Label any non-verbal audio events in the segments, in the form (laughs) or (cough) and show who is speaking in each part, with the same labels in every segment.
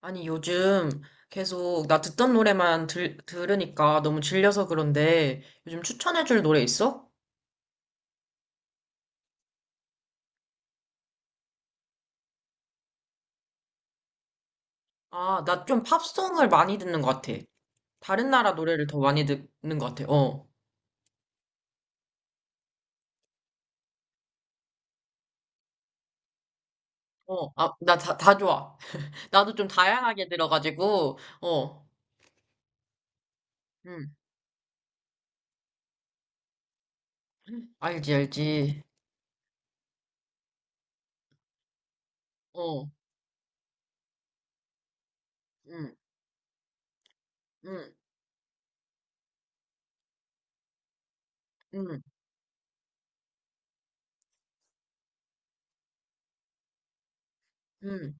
Speaker 1: 아니, 요즘 계속 나 듣던 노래만 들으니까 너무 질려서 그런데 요즘 추천해줄 노래 있어? 아, 나 좀 팝송을 많이 듣는 것 같아. 다른 나라 노래를 더 많이 듣는 것 같아. 어. 나 다 좋아. (laughs) 나도 좀 다양하게 들어가지고, 어, 음, 알지, 알지. 어, 음, 음, 음, 음,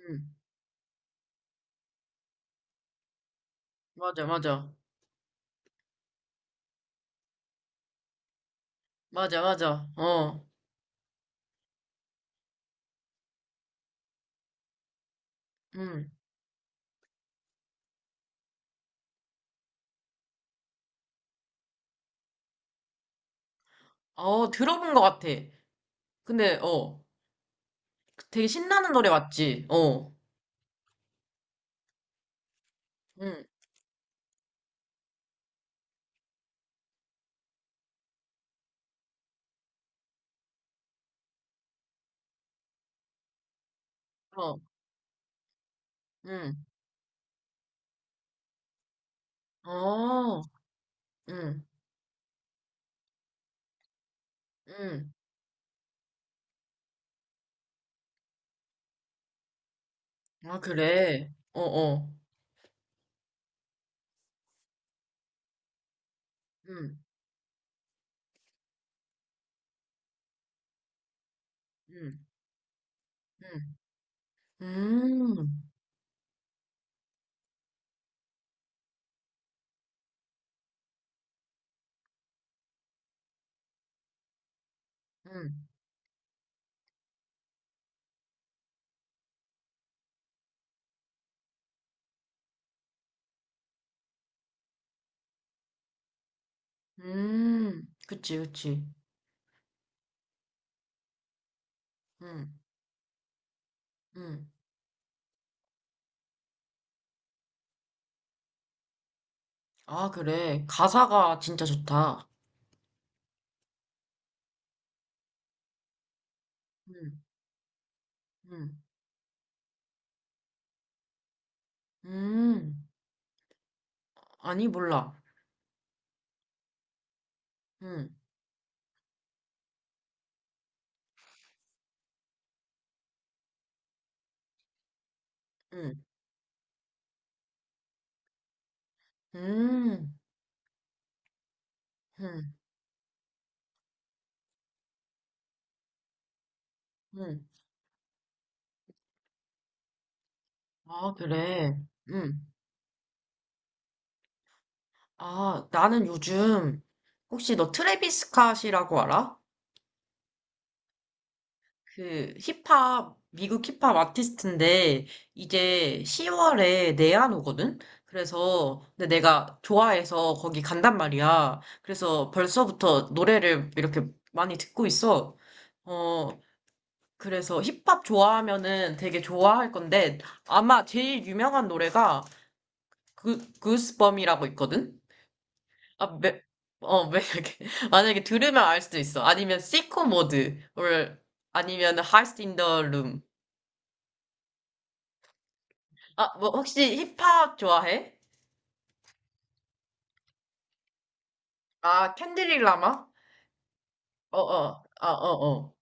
Speaker 1: 음. 맞아, 맞아. 맞아, 맞아. 어, 음. 어, 들어본 것 같아. 근데, 어. 되게 신나는 노래 맞지? 어. 응. 어. 응. 어. 응. 응. 아, 그래. 어, 어. 응. 응. 응. 음. 응. 음. 그치, 그치. 응. 응. 아, 그래. 가사가 진짜 좋다. 응. 응. 음. 아니, 몰라. 응. 응. 음. 응. 응. 아, 그래. 응. 아, 나는 요즘 혹시 너 트래비스 스캇이라고 알아? 그 힙합, 미국 힙합 아티스트인데 이제 10월에 내한 오거든? 그래서 근데 내가 좋아해서 거기 간단 말이야. 그래서 벌써부터 노래를 이렇게 많이 듣고 있어. 어, 그래서 힙합 좋아하면은 되게 좋아할 건데 아마 제일 유명한 노래가 그, 구스범이라고 있거든? 아, 매, 이렇게 (laughs) 만약에 들으면 알 수도 있어. 아니면 시코 모드를 아니면 하이스트 인더 룸 아, 뭐, 혹시 힙합 좋아해? 아, 캔디릭 라마? 어, 어, 아, 어, 어.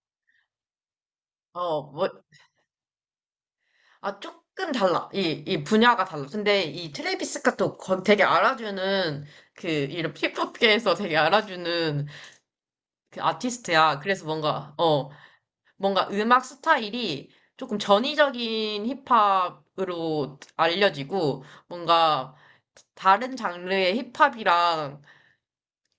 Speaker 1: 어, 뭐, 아, 조금 달라. 이 분야가 달라. 근데 이 트래비스 스캇도 거- 되게 알아주는, 그, 이런 힙합계에서 되게 알아주는 그 아티스트야. 그래서 뭔가, 어, 뭔가 음악 스타일이 조금 전위적인 힙합으로 알려지고, 뭔가 다른 장르의 힙합이랑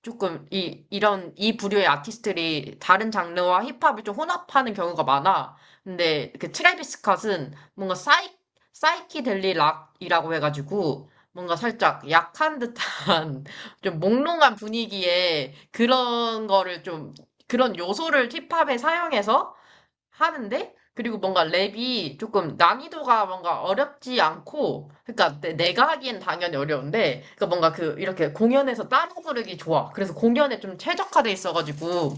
Speaker 1: 조금 이 이런 이 부류의 아티스트들이 다른 장르와 힙합을 좀 혼합하는 경우가 많아. 근데 그 트래비스 스캇은 뭔가 사이키델리 락이라고 해가지고 뭔가 살짝 약한 듯한 (laughs) 좀 몽롱한 분위기에 그런 거를 좀 그런 요소를 힙합에 사용해서 하는데 그리고 뭔가 랩이 조금 난이도가 뭔가 어렵지 않고 그러니까 내- 내가 하기엔 당연히 어려운데 그러니까 뭔가 그 이렇게 공연에서 따라 부르기 좋아. 그래서 공연에 좀 최적화돼 있어가지고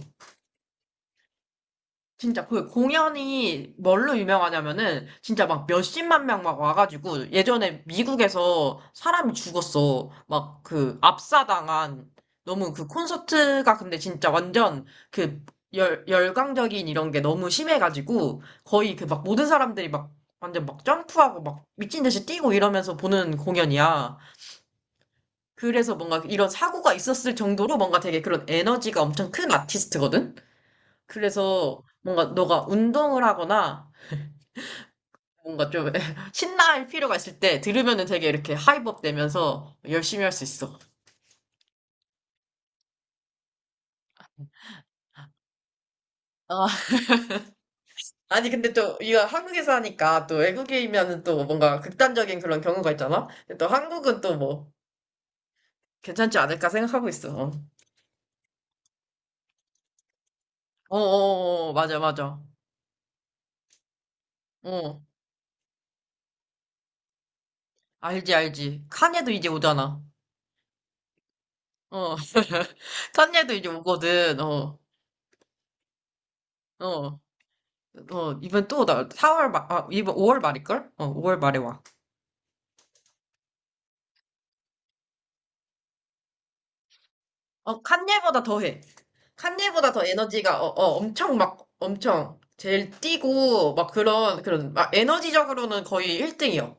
Speaker 1: 진짜 그 공연이 뭘로 유명하냐면은 진짜 막 몇십만 명 막 와가지고 예전에 미국에서 사람이 죽었어. 막 그 압사당한 너무 그 콘서트가 근데 진짜 완전 그 열광적인 이런 게 너무 심해가지고 거의 그 막 모든 사람들이 막 완전 막 점프하고 막 미친 듯이 뛰고 이러면서 보는 공연이야. 그래서 뭔가 이런 사고가 있었을 정도로 뭔가 되게 그런 에너지가 엄청 큰 아티스트거든? 그래서 뭔가 너가 운동을 하거나 뭔가 좀 (laughs) 신나할 필요가 있을 때 들으면은 되게 이렇게 하이법 되면서 열심히 할 수 있어. 아, 아니 근데 또 이거 한국에서 하니까 또 외국이면은 또 뭔가 극단적인 그런 경우가 있잖아. 근데 또 한국은 또 뭐 괜찮지 않을까 생각하고 있어. 맞아, 맞아. 어, 알지, 알지. 칸예도 이제 오잖아. 어, (laughs) 칸예도 이제 오거든. 어, 어. 어, 이번 또 나, 사월 말, 아, 이번 5월 말일걸? 어, 5월 말에 와. 어, 칸예보다 더해. 칸예보다 더 에너지가, 엄청 막, 엄청, 제일 뛰고, 막 막 에너지적으로는 거의 1등이요.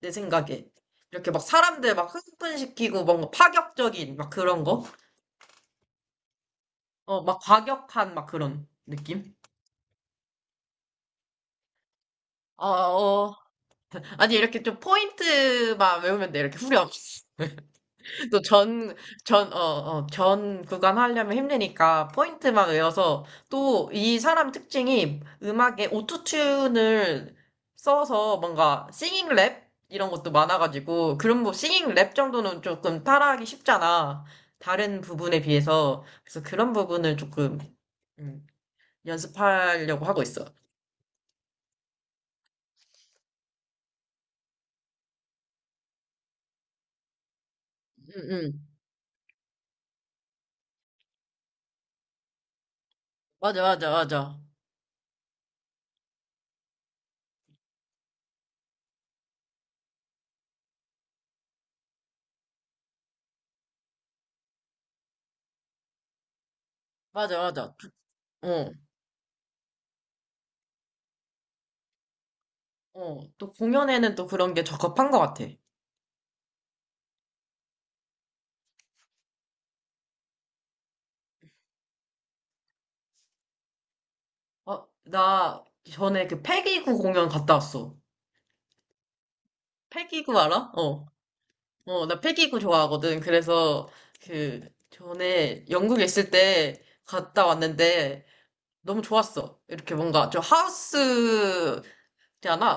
Speaker 1: 내 생각에. 이렇게 막 사람들 막 흥분시키고, 뭔가 파격적인, 막 그런 거? 어, 막 과격한, 막 그런 느낌? 어, 어. 아니, 이렇게 좀 포인트만 외우면 돼. 이렇게 후렴. 또 전, 전, 어, 어, 전 구간 하려면 힘드니까 포인트만 외워서 또 이 사람 특징이 음악에 오토튠을 써서 뭔가 싱잉 랩 이런 것도 많아가지고 그런 뭐 싱잉 랩 정도는 조금 따라하기 쉽잖아. 다른 부분에 비해서. 그래서 그런 부분을 조금 음, 연습하려고 하고 있어. 응, 응. 맞아, 맞아, 맞아. 맞아, 맞아. 어, 어. 또 공연에는 또 그런 게 적합한 것 같아. 어, 나 전에 그 패기구 공연 갔다 왔어. 패기구 알아? 어. 어, 나 패기구 좋아하거든. 그래서 그 전에 영국에 있을 때 갔다 왔는데 너무 좋았어. 이렇게 뭔가 좀 하우스잖아.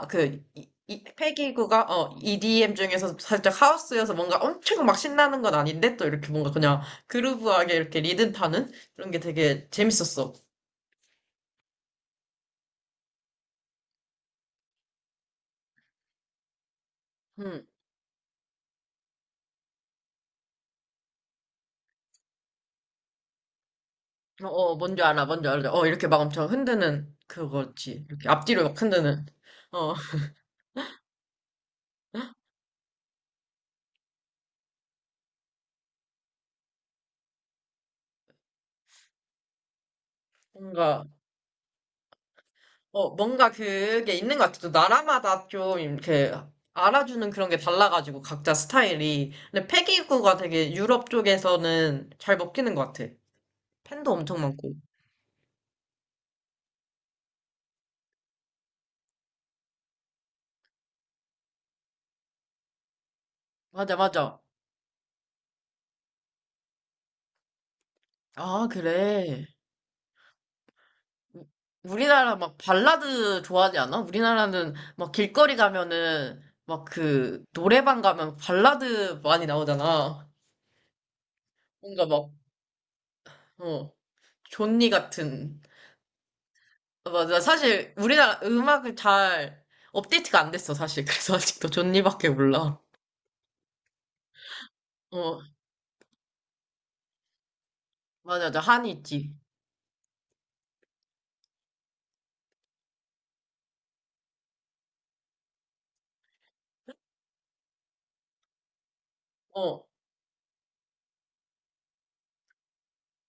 Speaker 1: 패기구가 어, EDM 중에서 살짝 하우스여서 뭔가 엄청 막 신나는 건 아닌데 또 이렇게 뭔가 그냥 그루브하게 이렇게 리듬 타는 그런 게 되게 재밌었어. 음. 뭔지 알아, 뭔지 알아. 어, 이렇게 막 엄청 흔드는 그거지. 이렇게 앞뒤로 막 흔드는. 어, 뭔가, 뭔가 그게 있는 것 같아. 또 나라마다 좀 이렇게 알아주는 그런 게 달라가지고, 각자 스타일이. 근데 패기구가 되게 유럽 쪽에서는 잘 먹히는 것 같아. 팬도 엄청 많고. 맞아, 맞아. 아, 그래. 우- 우리나라 막 발라드 좋아하지 않아? 우리나라는 막 길거리 가면은 막 그 노래방 가면 발라드 많이 나오잖아. 뭔가 막, 어, 존니 같은. 아, 맞아. 사실, 우리나라 음악을 잘 업데이트가 안 됐어, 사실. (laughs) 그래서 아직도 존니밖에 몰라. 어, 맞아, 맞아. 한이 있지. 어, 어,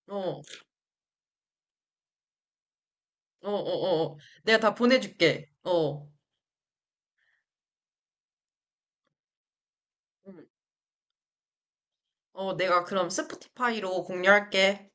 Speaker 1: 어, 어, 어. 어. 내가 다 보내줄게. 어, 음. 어, 내가 그럼 스포티파이로 공유할게.